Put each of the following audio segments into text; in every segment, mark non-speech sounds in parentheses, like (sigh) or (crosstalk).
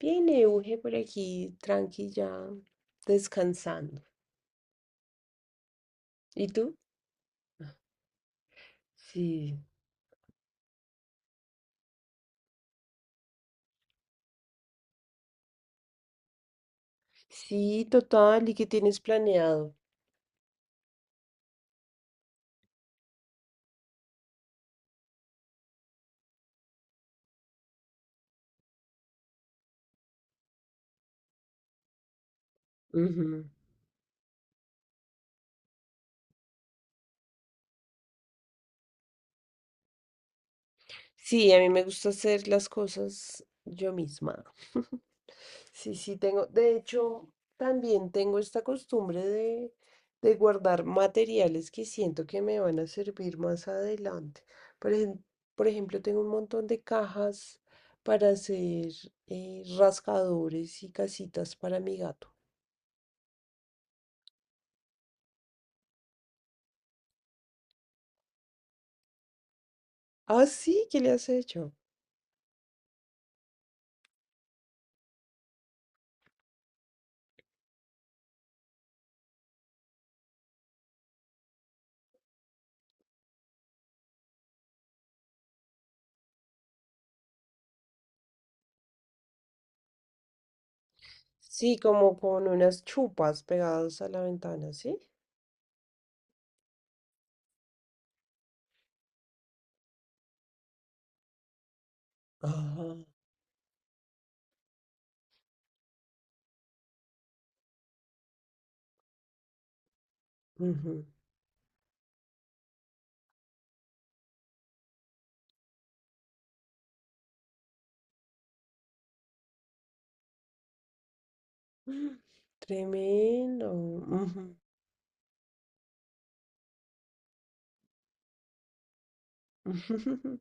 Bien, Euge, por aquí, tranquila, descansando. ¿Y tú? Sí. Sí, total, ¿y qué tienes planeado? Ujú. Sí, a mí me gusta hacer las cosas yo misma. (laughs) Sí, sí, tengo. De hecho, también tengo esta costumbre de guardar materiales que siento que me van a servir más adelante. Por ejemplo, por ejemplo, tengo un montón de cajas para hacer rascadores y casitas para mi gato. Ah, sí, ¿qué le has hecho? Sí, como con unas chupas pegadas a la ventana, ¿sí? Ajá. Ujú. Mm, tremendo. Ujú, ujú. (laughs)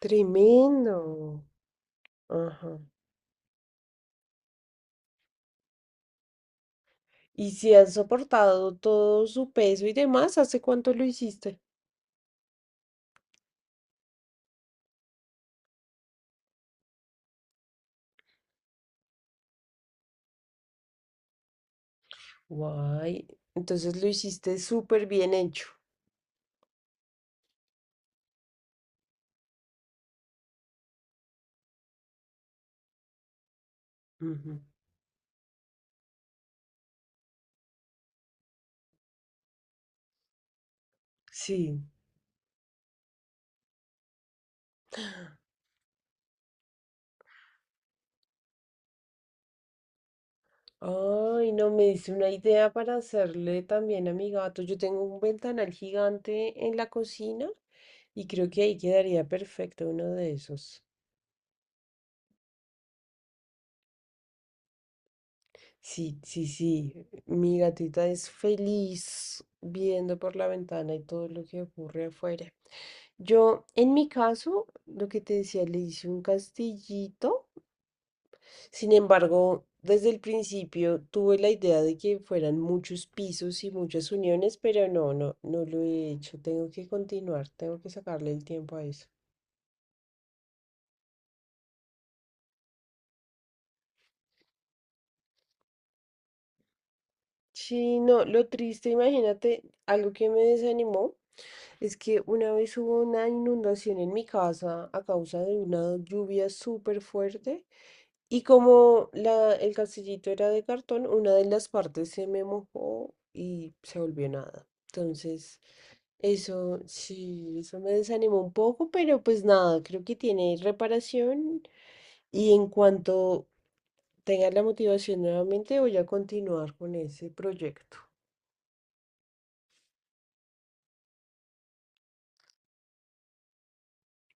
Tremendo. Ajá. Y si has soportado todo su peso y demás, ¿hace cuánto lo hiciste? Guay. Entonces lo hiciste súper bien hecho. Ujú. Sí. Ay, no, me dice una idea para hacerle también a mi gato. Yo tengo un ventanal gigante en la cocina y creo que ahí quedaría perfecto uno de esos. Sí, sí, sí. Mi gatita es feliz viendo por la ventana y todo lo que ocurre afuera. Yo, en mi caso, lo que te decía, le hice un castillito. Sin embargo, desde el principio tuve la idea de que fueran muchos pisos y muchas uniones, pero no, no, no lo he hecho. Tengo que continuar, tengo que sacarle el tiempo a eso. Sí, no, lo triste, imagínate, algo que me desanimó es que una vez hubo una inundación en mi casa a causa de una lluvia súper fuerte y como la, el castillito era de cartón, una de las partes se me mojó y se volvió nada. Entonces, eso sí, eso me desanimó un poco, pero pues nada, creo que tiene reparación y en cuanto tenga la motivación nuevamente voy a continuar con ese proyecto.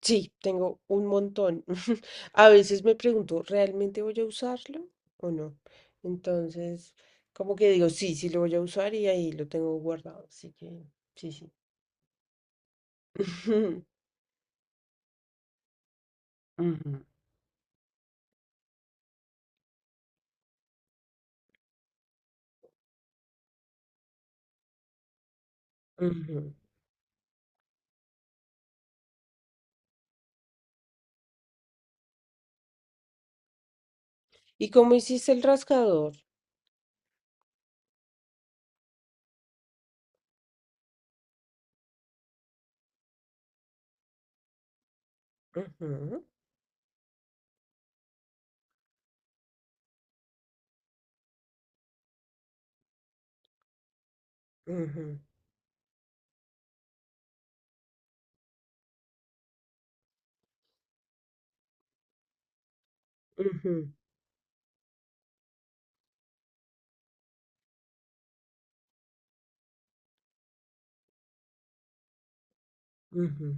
Sí, tengo un montón. (laughs) A veces me pregunto, ¿realmente voy a usarlo o no? Entonces, como que digo, sí, sí lo voy a usar y ahí lo tengo guardado. Así que, sí, sí. (laughs) Ujú. Ujú. ¿Y cómo hiciste el rascador? Ujú, ujú, ujú, ujú.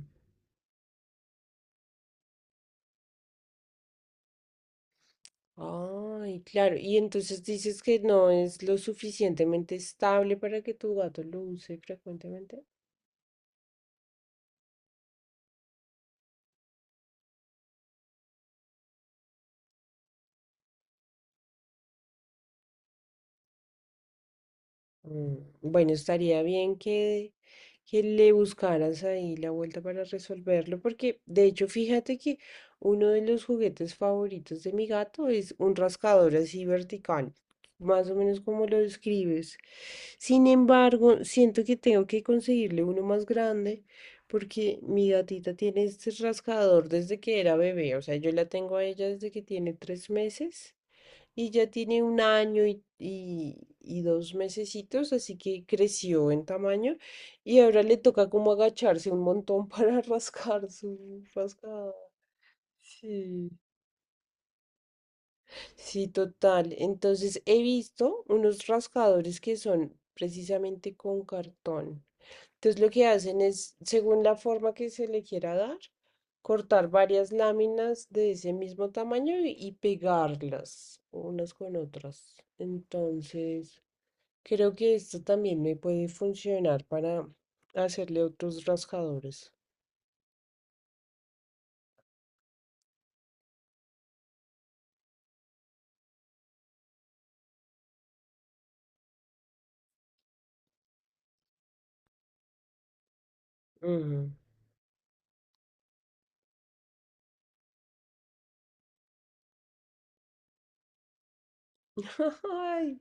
Ay, claro. Y entonces dices que no es lo suficientemente estable para que tu gato lo use frecuentemente. Mm, bueno, estaría bien que le buscaras ahí la vuelta para resolverlo, porque de hecho, fíjate que uno de los juguetes favoritos de mi gato es un rascador así vertical, más o menos como lo describes. Sin embargo, siento que tengo que conseguirle uno más grande, porque mi gatita tiene este rascador desde que era bebé, o sea, yo la tengo a ella desde que tiene 3 meses. Y ya tiene un año y 2 mesecitos, así que creció en tamaño. Y ahora le toca como agacharse un montón para (laughs) rascar su rascada. Sí. Sí, total. Entonces he visto unos rascadores que son precisamente con cartón. Entonces lo que hacen es, según la forma que se le quiera dar, cortar varias láminas de ese mismo tamaño y pegarlas unas con otras. Entonces... Creo que esto también me puede funcionar para hacerle otros rascadores. Ujú. (laughs) Ay,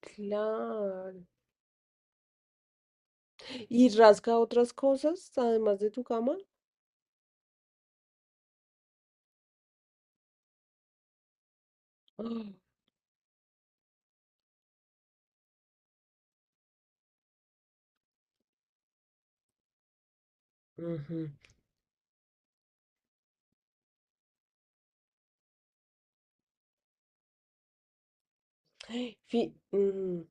claro. ¿Y rasca otras cosas además de tu cama? (gasps) Ah, ujú. Fí- ujú.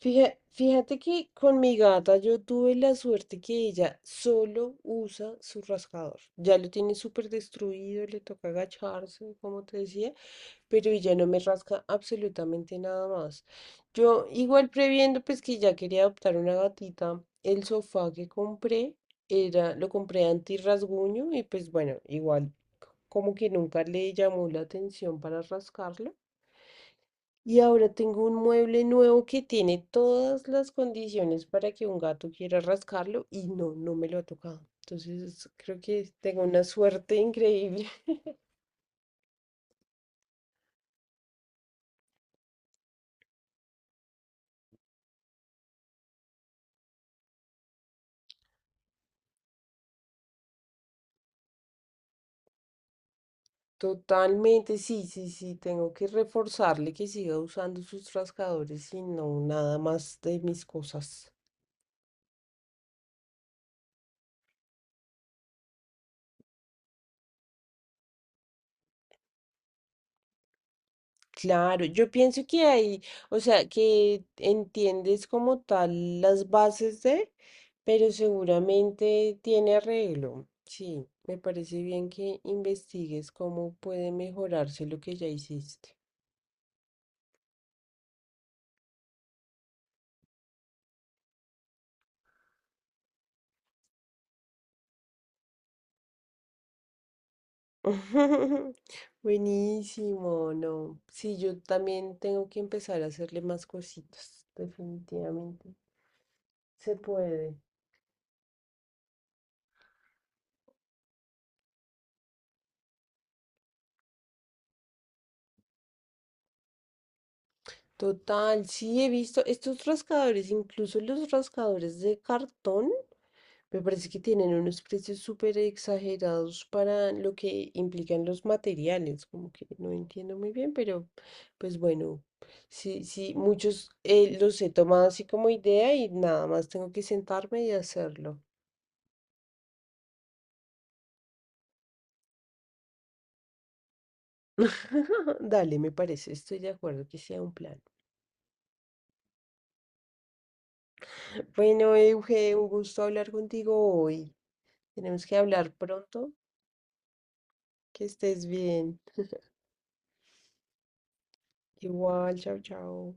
Fíjate que con mi gata yo tuve la suerte que ella solo usa su rascador. Ya lo tiene súper destruido, le toca agacharse, como te decía. Pero y ya no me rasca absolutamente nada más. Yo igual previendo pues que ya quería adoptar una gatita, el sofá que compré era, lo compré anti-rasguño y pues bueno, igual como que nunca le llamó la atención para rascarlo. Y ahora tengo un mueble nuevo que tiene todas las condiciones para que un gato quiera rascarlo y no, no me lo ha tocado. Entonces creo que tengo una suerte increíble. Totalmente, sí, sí, sí, tengo que reforzarle que siga usando sus rascadores y no nada más de mis cosas. Claro, yo pienso que hay, o sea, que entiendes como tal las bases de, pero seguramente tiene arreglo. Sí, me parece bien que investigues cómo puede mejorarse lo que ya hiciste. (laughs) Buenísimo, no. Sí, yo también tengo que empezar a hacerle más cositas, definitivamente. Se puede. Total, sí, he visto estos rascadores, incluso los rascadores de cartón, me parece que tienen unos precios súper exagerados para lo que implican los materiales, como que no entiendo muy bien, pero pues bueno, sí, sí, muchos los he tomado así como idea y nada más tengo que sentarme y hacerlo. (laughs) Dale, me parece, estoy de acuerdo que sea un plan. (laughs) Bueno, Euge, un gusto hablar contigo hoy. Tenemos que hablar pronto. Que estés bien. Igual, chao, chao.